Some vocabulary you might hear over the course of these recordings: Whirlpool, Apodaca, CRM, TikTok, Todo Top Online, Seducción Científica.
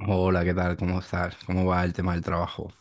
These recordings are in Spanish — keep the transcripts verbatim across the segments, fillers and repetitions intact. Hola, ¿qué tal? ¿Cómo estás? ¿Cómo va el tema del trabajo?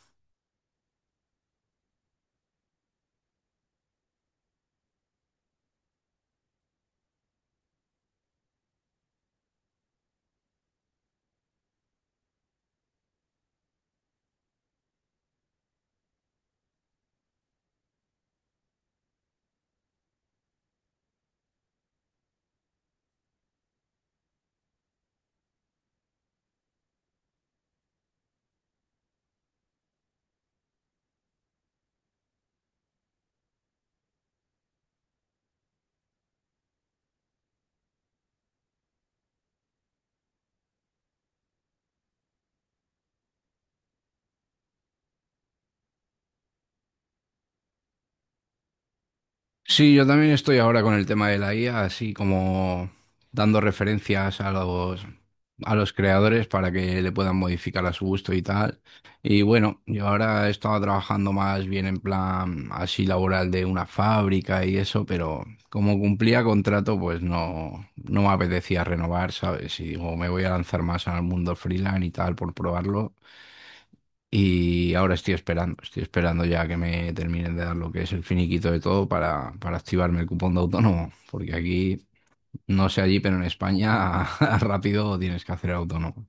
Sí, yo también estoy ahora con el tema de la I A, así como dando referencias a los, a los creadores para que le puedan modificar a su gusto y tal. Y bueno, yo ahora estaba trabajando más bien en plan así laboral de una fábrica y eso, pero como cumplía contrato, pues no, no me apetecía renovar, ¿sabes? Y digo, me voy a lanzar más al mundo freelance y tal por probarlo. Y ahora estoy esperando, estoy esperando ya que me terminen de dar lo que es el finiquito de todo para, para activarme el cupón de autónomo, porque aquí, no sé allí, pero en España rápido tienes que hacer autónomo.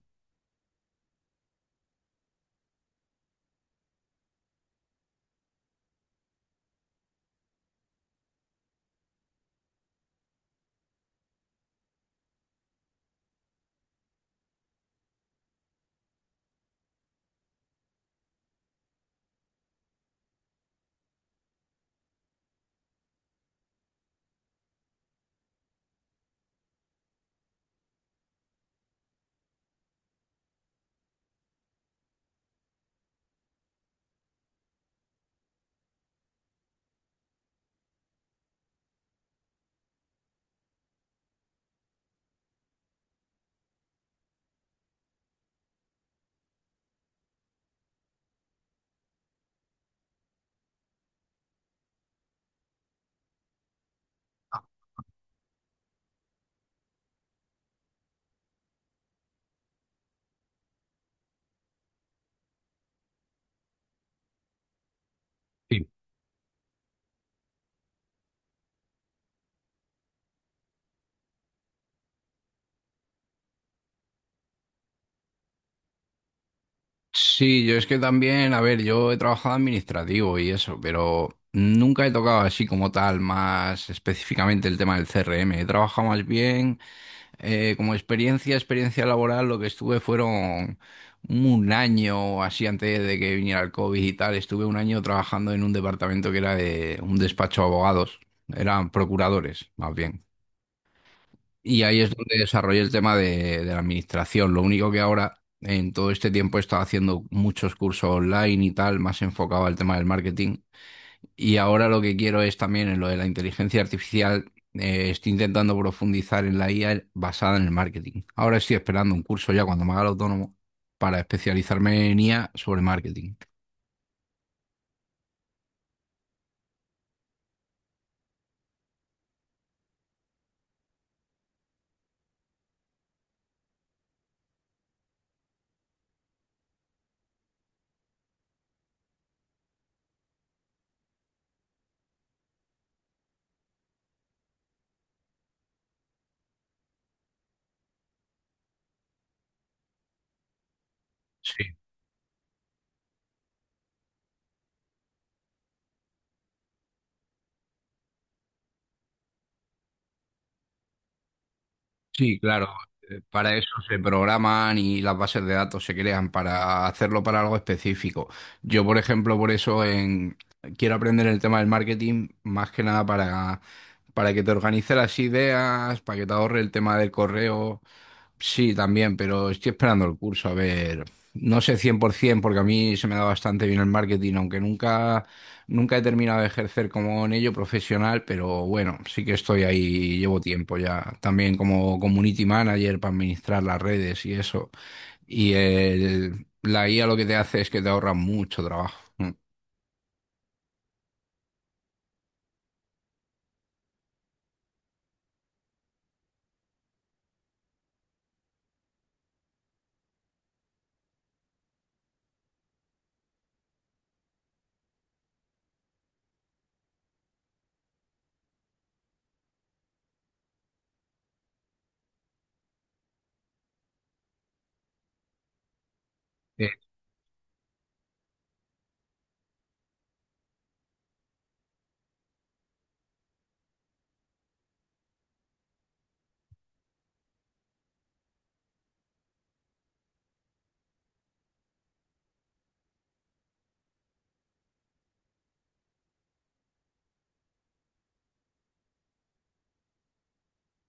Sí. Sí, yo es que también, a ver, yo he trabajado administrativo y eso, pero nunca he tocado así como tal, más específicamente el tema del C R M. He trabajado más bien. Eh, como experiencia, experiencia laboral, lo que estuve fueron un año o así antes de que viniera el COVID y tal. Estuve un año trabajando en un departamento que era de un despacho de abogados, eran procuradores más bien. Y ahí es donde desarrollé el tema de, de la administración. Lo único que ahora, en todo este tiempo, he estado haciendo muchos cursos online y tal, más enfocado al tema del marketing. Y ahora lo que quiero es también en lo de la inteligencia artificial. Eh, estoy intentando profundizar en la I A basada en el marketing. Ahora estoy esperando un curso ya cuando me haga el autónomo para especializarme en I A sobre marketing. Sí. Sí, claro. eh, Para eso se programan y las bases de datos se crean para hacerlo para algo específico. Yo, por ejemplo, por eso en... quiero aprender el tema del marketing más que nada para, para que te organice las ideas, para que te ahorre el tema del correo. Sí, también, pero estoy esperando el curso. A ver, no sé cien por ciento porque a mí se me da bastante bien el marketing, aunque nunca Nunca he terminado de ejercer como en ello profesional, pero bueno, sí que estoy ahí, llevo tiempo ya, también como community manager para administrar las redes y eso. Y el- la I A lo que te hace es que te ahorra mucho trabajo. Mm. Eh,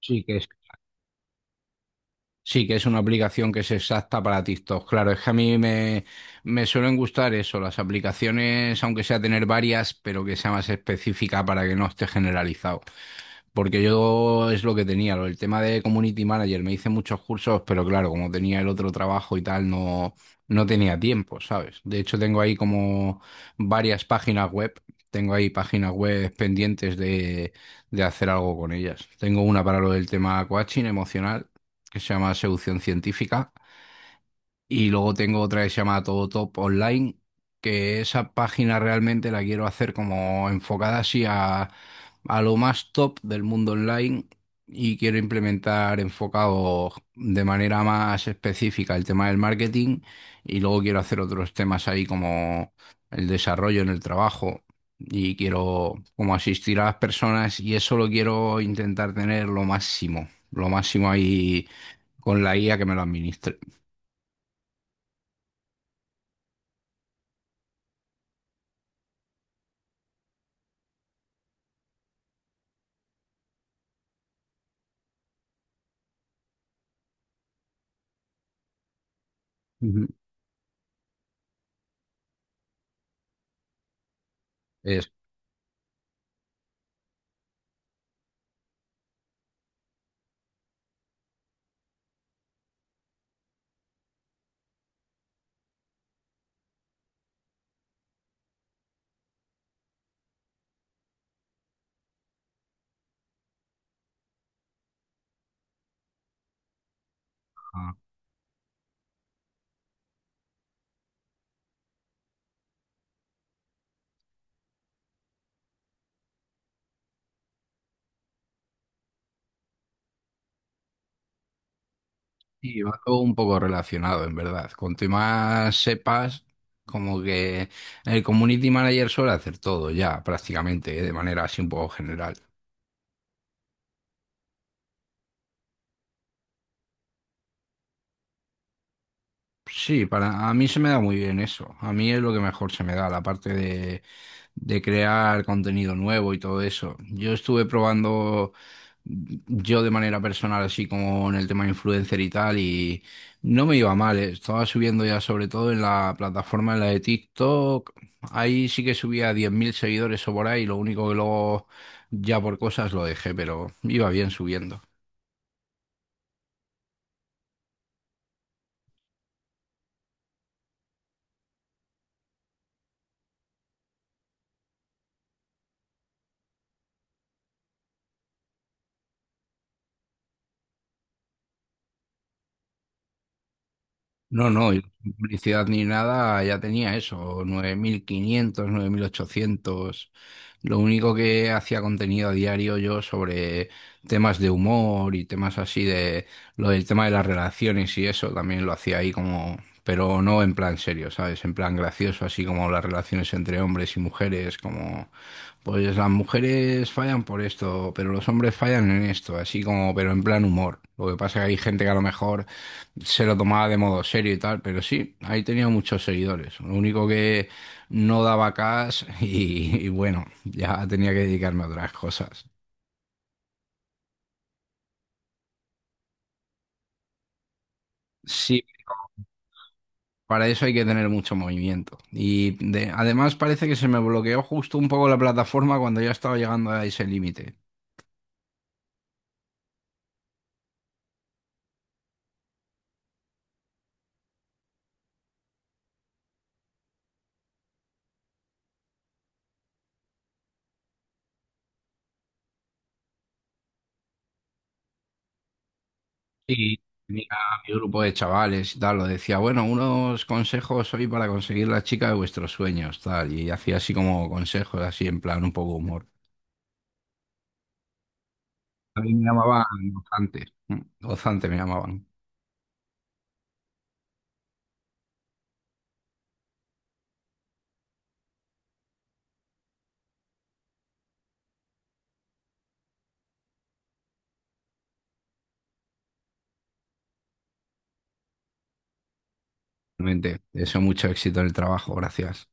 Sí que es, sí que es una aplicación que es exacta para TikTok. Claro, es que a mí me, me suelen gustar eso, las aplicaciones, aunque sea tener varias, pero que sea más específica para que no esté generalizado. Porque yo es lo que tenía, lo- el tema de community manager, me hice muchos cursos, pero claro, como tenía el otro trabajo y tal, no, no tenía tiempo, ¿sabes? De hecho, tengo ahí como varias páginas web, tengo ahí páginas web pendientes de, de hacer algo con ellas. Tengo una para lo del tema coaching emocional, que se llama Seducción Científica. Y luego tengo otra que se llama Todo Top Online, que esa página realmente la quiero hacer como enfocada así a, a lo más top del mundo online y quiero implementar enfocado de manera más específica el tema del marketing y luego quiero hacer otros temas ahí como el desarrollo en el trabajo y quiero como asistir a las personas y eso lo quiero intentar tener lo máximo, lo máximo ahí con la I A que me lo administre. Ujú. Ah, y va todo un poco relacionado, en verdad. Cuanto más sepas, como que el community manager suele hacer todo ya, prácticamente, ¿eh? De manera así un poco general. Sí, para a mí se me da muy bien eso. A mí es lo que mejor se me da, la parte de, de crear contenido nuevo y todo eso. Yo estuve probando yo de manera personal, así como en el tema influencer y tal, y no me iba mal. eh. Estaba subiendo ya sobre todo en la plataforma, en la de TikTok. Ahí sí que subía diez mil seguidores o por ahí, lo único que luego ya por cosas lo dejé, pero iba bien subiendo. No, no, yo sin publicidad ni nada, ya tenía eso, nueve nueve mil quinientos, nueve mil ochocientos. Lo único que hacía contenido a diario yo sobre temas de humor y temas así de lo del tema de las relaciones y eso también lo hacía ahí como, pero no en plan serio, ¿sabes? En plan gracioso, así como las relaciones entre hombres y mujeres, como pues las mujeres fallan por esto, pero los hombres fallan en esto, así como, pero en plan humor. Lo que pasa es que hay gente que a lo mejor se lo tomaba de modo serio y tal, pero sí, ahí tenía muchos seguidores. Lo único que no daba cash y, y bueno, ya tenía que dedicarme a otras cosas. Sí, para eso hay que tener mucho movimiento. Y de- además parece que se me bloqueó justo un poco la plataforma cuando ya estaba llegando a ese límite. Y tenía mi grupo de chavales y tal, lo decía, bueno, unos consejos hoy para conseguir la chica de vuestros sueños, tal, y hacía así como consejos, así en plan un poco humor. A mí me llamaban gozante, mm, gozante me llamaban, realmente. Deseo mucho éxito en el trabajo, gracias.